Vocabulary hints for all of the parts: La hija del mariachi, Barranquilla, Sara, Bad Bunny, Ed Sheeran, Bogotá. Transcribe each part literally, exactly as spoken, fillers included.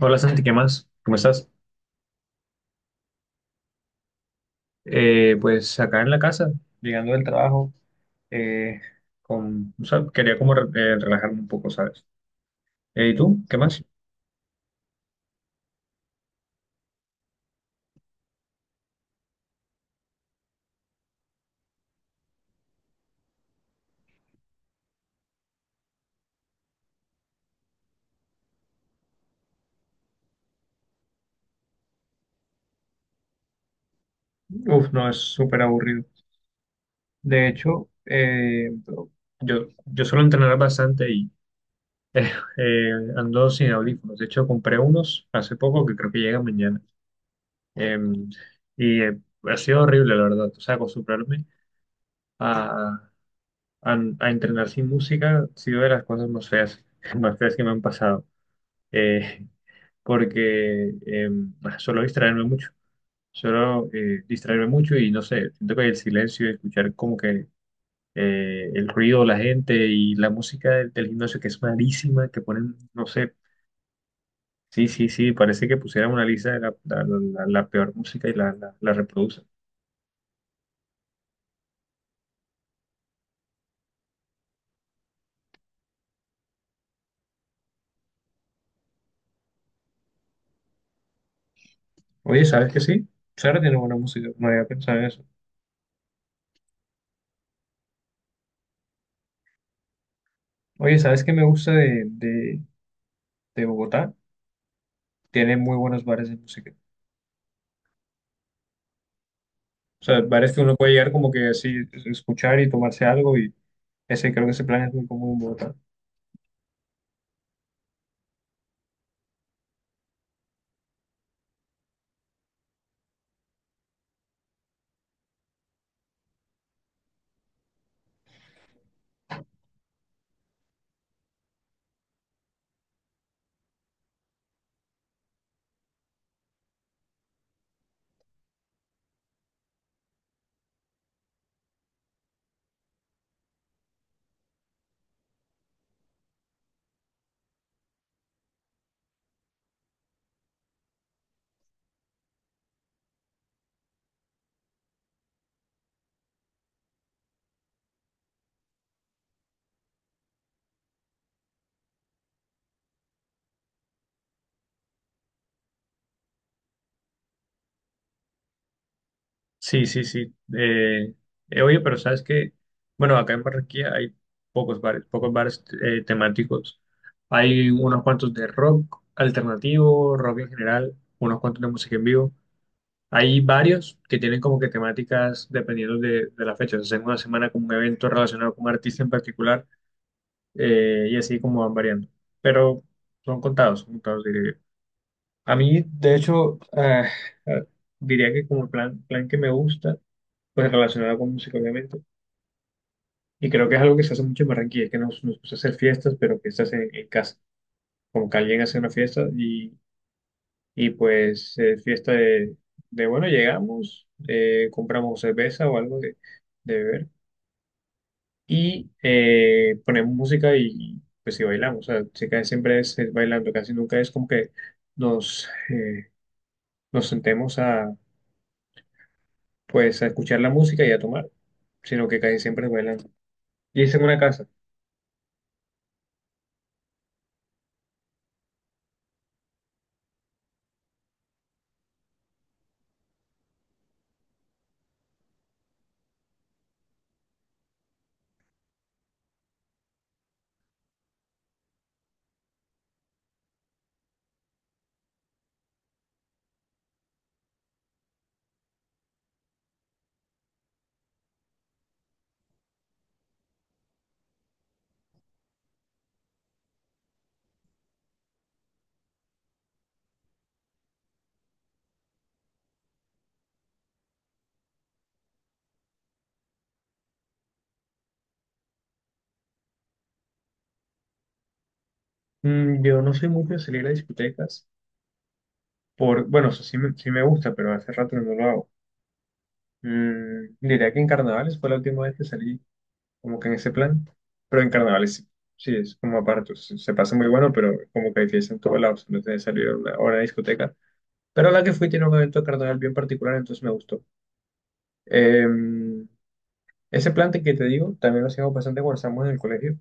Hola Santi, ¿qué más? ¿Cómo estás? Eh, pues acá en la casa, llegando del trabajo, eh, con, o sea, quería como re- eh, relajarme un poco, ¿sabes? Eh, ¿y tú? ¿Qué más? Uf, no, es súper aburrido. De hecho, eh, yo, yo suelo entrenar bastante y eh, eh, ando sin audífonos. De hecho, compré unos hace poco que creo que llegan mañana. Eh, y eh, ha sido horrible, la verdad. O sea, acostumbrarme a, a, a entrenar sin música ha sido de las cosas más feas, más feas que me han pasado, eh, porque eh, suelo distraerme mucho, suelo eh, distraerme mucho y no sé, siento que el silencio, escuchar como que eh, el ruido, la gente y la música del, del gimnasio que es malísima, que ponen, no sé, sí, sí, sí, parece que pusieran una lista de la, la, la- la peor música y la, la, la reproducen. Oye, ¿sabes que sí? Sara tiene buena música, no había pensado en eso. Oye, ¿sabes qué me gusta de, de, de Bogotá? Tiene muy buenos bares de música. O sea, bares que uno puede llegar como que así, escuchar y tomarse algo y ese creo que ese plan es muy común en Bogotá. Sí, sí, sí. Eh, eh, oye, pero sabes que, bueno, acá en Barranquilla hay pocos bares, pocos bares eh, temáticos. Hay unos cuantos de rock alternativo, rock en general, unos cuantos de música en vivo. Hay varios que tienen como que temáticas dependiendo de, de la fecha. O sea, hacen una semana como un evento relacionado con un artista en particular, eh, y así como van variando. Pero son contados, son contados, diría yo. A mí, de hecho, ah, ah, diría que como plan, plan que me gusta, pues relacionado con música, obviamente. Y creo que es algo que se hace mucho en Barranquilla, que nos, nos gusta hacer fiestas, pero fiestas en, en casa. Como que alguien hace una fiesta y, y pues eh, fiesta de, de, bueno, llegamos, eh, compramos cerveza o algo de, de beber y eh, ponemos música y pues sí bailamos. O sea, sí, casi siempre es, es bailando, casi nunca es como que nos, eh, nos sentemos a, pues, a escuchar la música y a tomar, sino que casi siempre es bailando. Y es en una casa. Mm, yo no soy mucho de salir a discotecas, por, bueno, o sea, sí me, sí me gusta, pero hace rato no lo hago. Mm, diría que en carnavales fue la última vez que salí como que en ese plan, pero en carnavales sí. Sí, es como aparte, se se pasa muy bueno, pero como que hay fiesta en todos lados, no tienes que salir a una, a una discoteca. Pero a la que fui tiene un evento carnaval bien particular, entonces me gustó. Em, ese plante que te digo, también lo hacíamos bastante cuando estábamos en el colegio.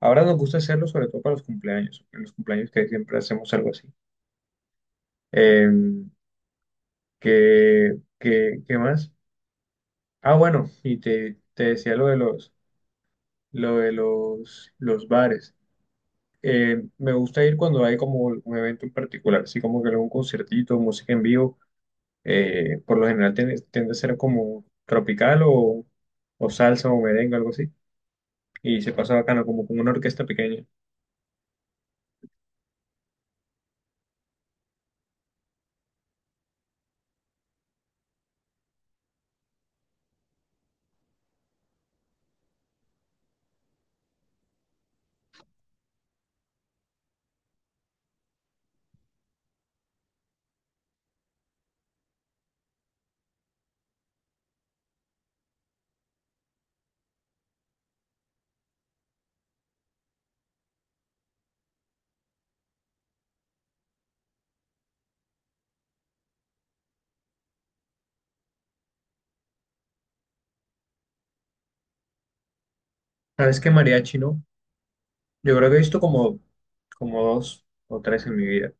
Ahora nos gusta hacerlo sobre todo para los cumpleaños, en los cumpleaños que siempre hacemos algo así. Em, ¿qué, qué- qué más? Ah, bueno, y te, te decía lo de los, lo de los, los bares. Em, me gusta ir cuando hay como un evento en particular, así como que algún conciertito, música en vivo, eh, por lo general tiende, tiende a ser como tropical o, o salsa o merengue, algo así. Y se pasa bacano, como con una orquesta pequeña. ¿Sabes qué mariachi no? Yo creo que he visto como, como, dos o tres en mi vida.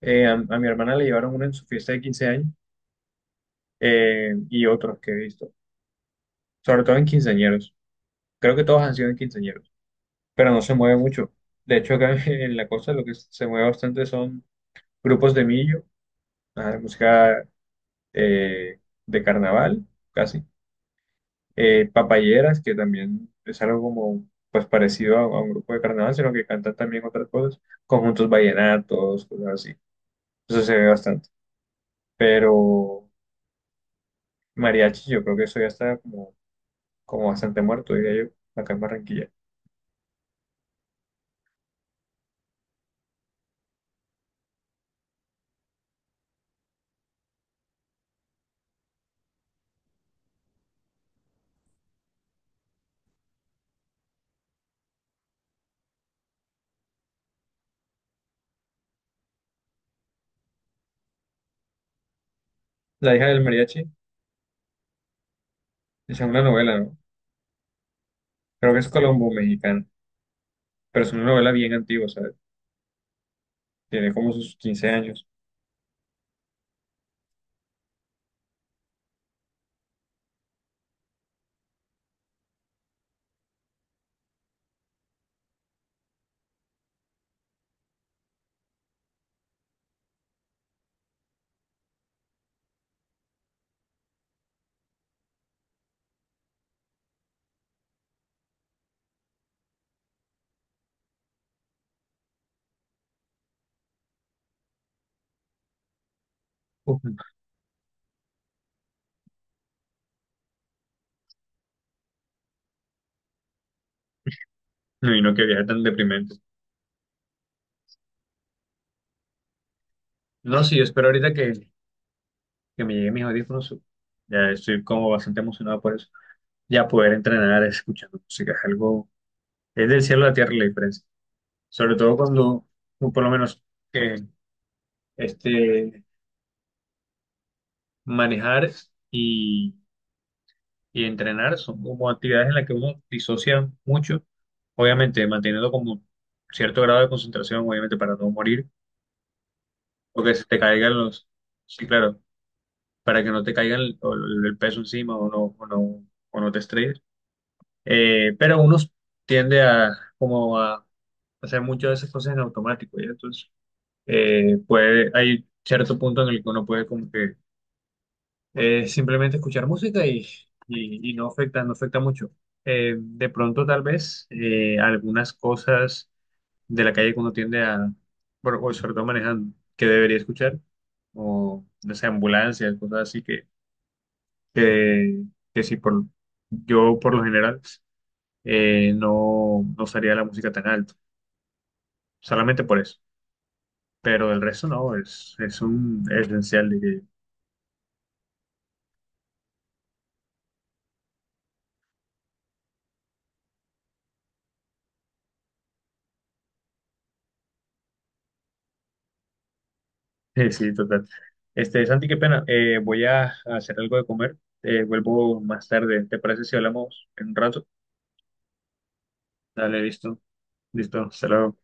Eh, a, a mi hermana le llevaron uno en su fiesta de quince años, eh, y otros que he visto, sobre todo en quinceañeros. Creo que todos han sido en quinceañeros, pero no se mueve mucho. De hecho, acá en la costa lo que se mueve bastante son grupos de millo, ah, música eh, de carnaval, casi eh, papayeras, que también es algo como pues parecido a, a un grupo de carnaval, sino que cantan también otras cosas, conjuntos vallenatos, cosas así. Eso se ve bastante. Pero mariachi, yo creo que eso ya está como, como bastante muerto, diría yo, acá en Barranquilla. La hija del mariachi es una novela, ¿no? Creo que es colombo-mexicana, pero es una novela bien antigua, o sea, tiene como sus quince años. Uf, no, y no que viaje tan deprimente. No, sí, yo espero ahorita que, que me lleguen mis audífonos. Ya estoy como bastante emocionado por eso. Ya poder entrenar escuchando música es algo, es del cielo a la tierra la diferencia. Sobre todo cuando, o por lo menos, eh, este, manejar y, y entrenar son como actividades en las que uno disocia mucho, obviamente manteniendo como cierto grado de concentración, obviamente para no morir, o que se te caigan los, sí, claro, para que no te caigan el, el peso encima o no, o no, o no te estrelles. Eh, pero uno tiende a como a hacer muchas de esas cosas en automático, ¿ya? Entonces, eh, puede, hay cierto punto en el que uno puede como que eh, simplemente escuchar música y, y- y no afecta, no afecta mucho. Eh, de pronto, tal vez, eh, algunas cosas de la calle que uno tiende a, bueno, o sobre todo manejando, que debería escuchar, o no sé, ambulancias, cosas así que, que, que sí, por, yo por lo general eh, no, no usaría la música tan alto, solamente por eso. Pero el resto no, es, es un esencial, diría yo. Sí, total. Este, Santi, qué pena, eh, voy a a hacer algo de comer, eh, vuelvo más tarde, ¿te parece si hablamos en un rato? Dale, listo, listo, hasta luego.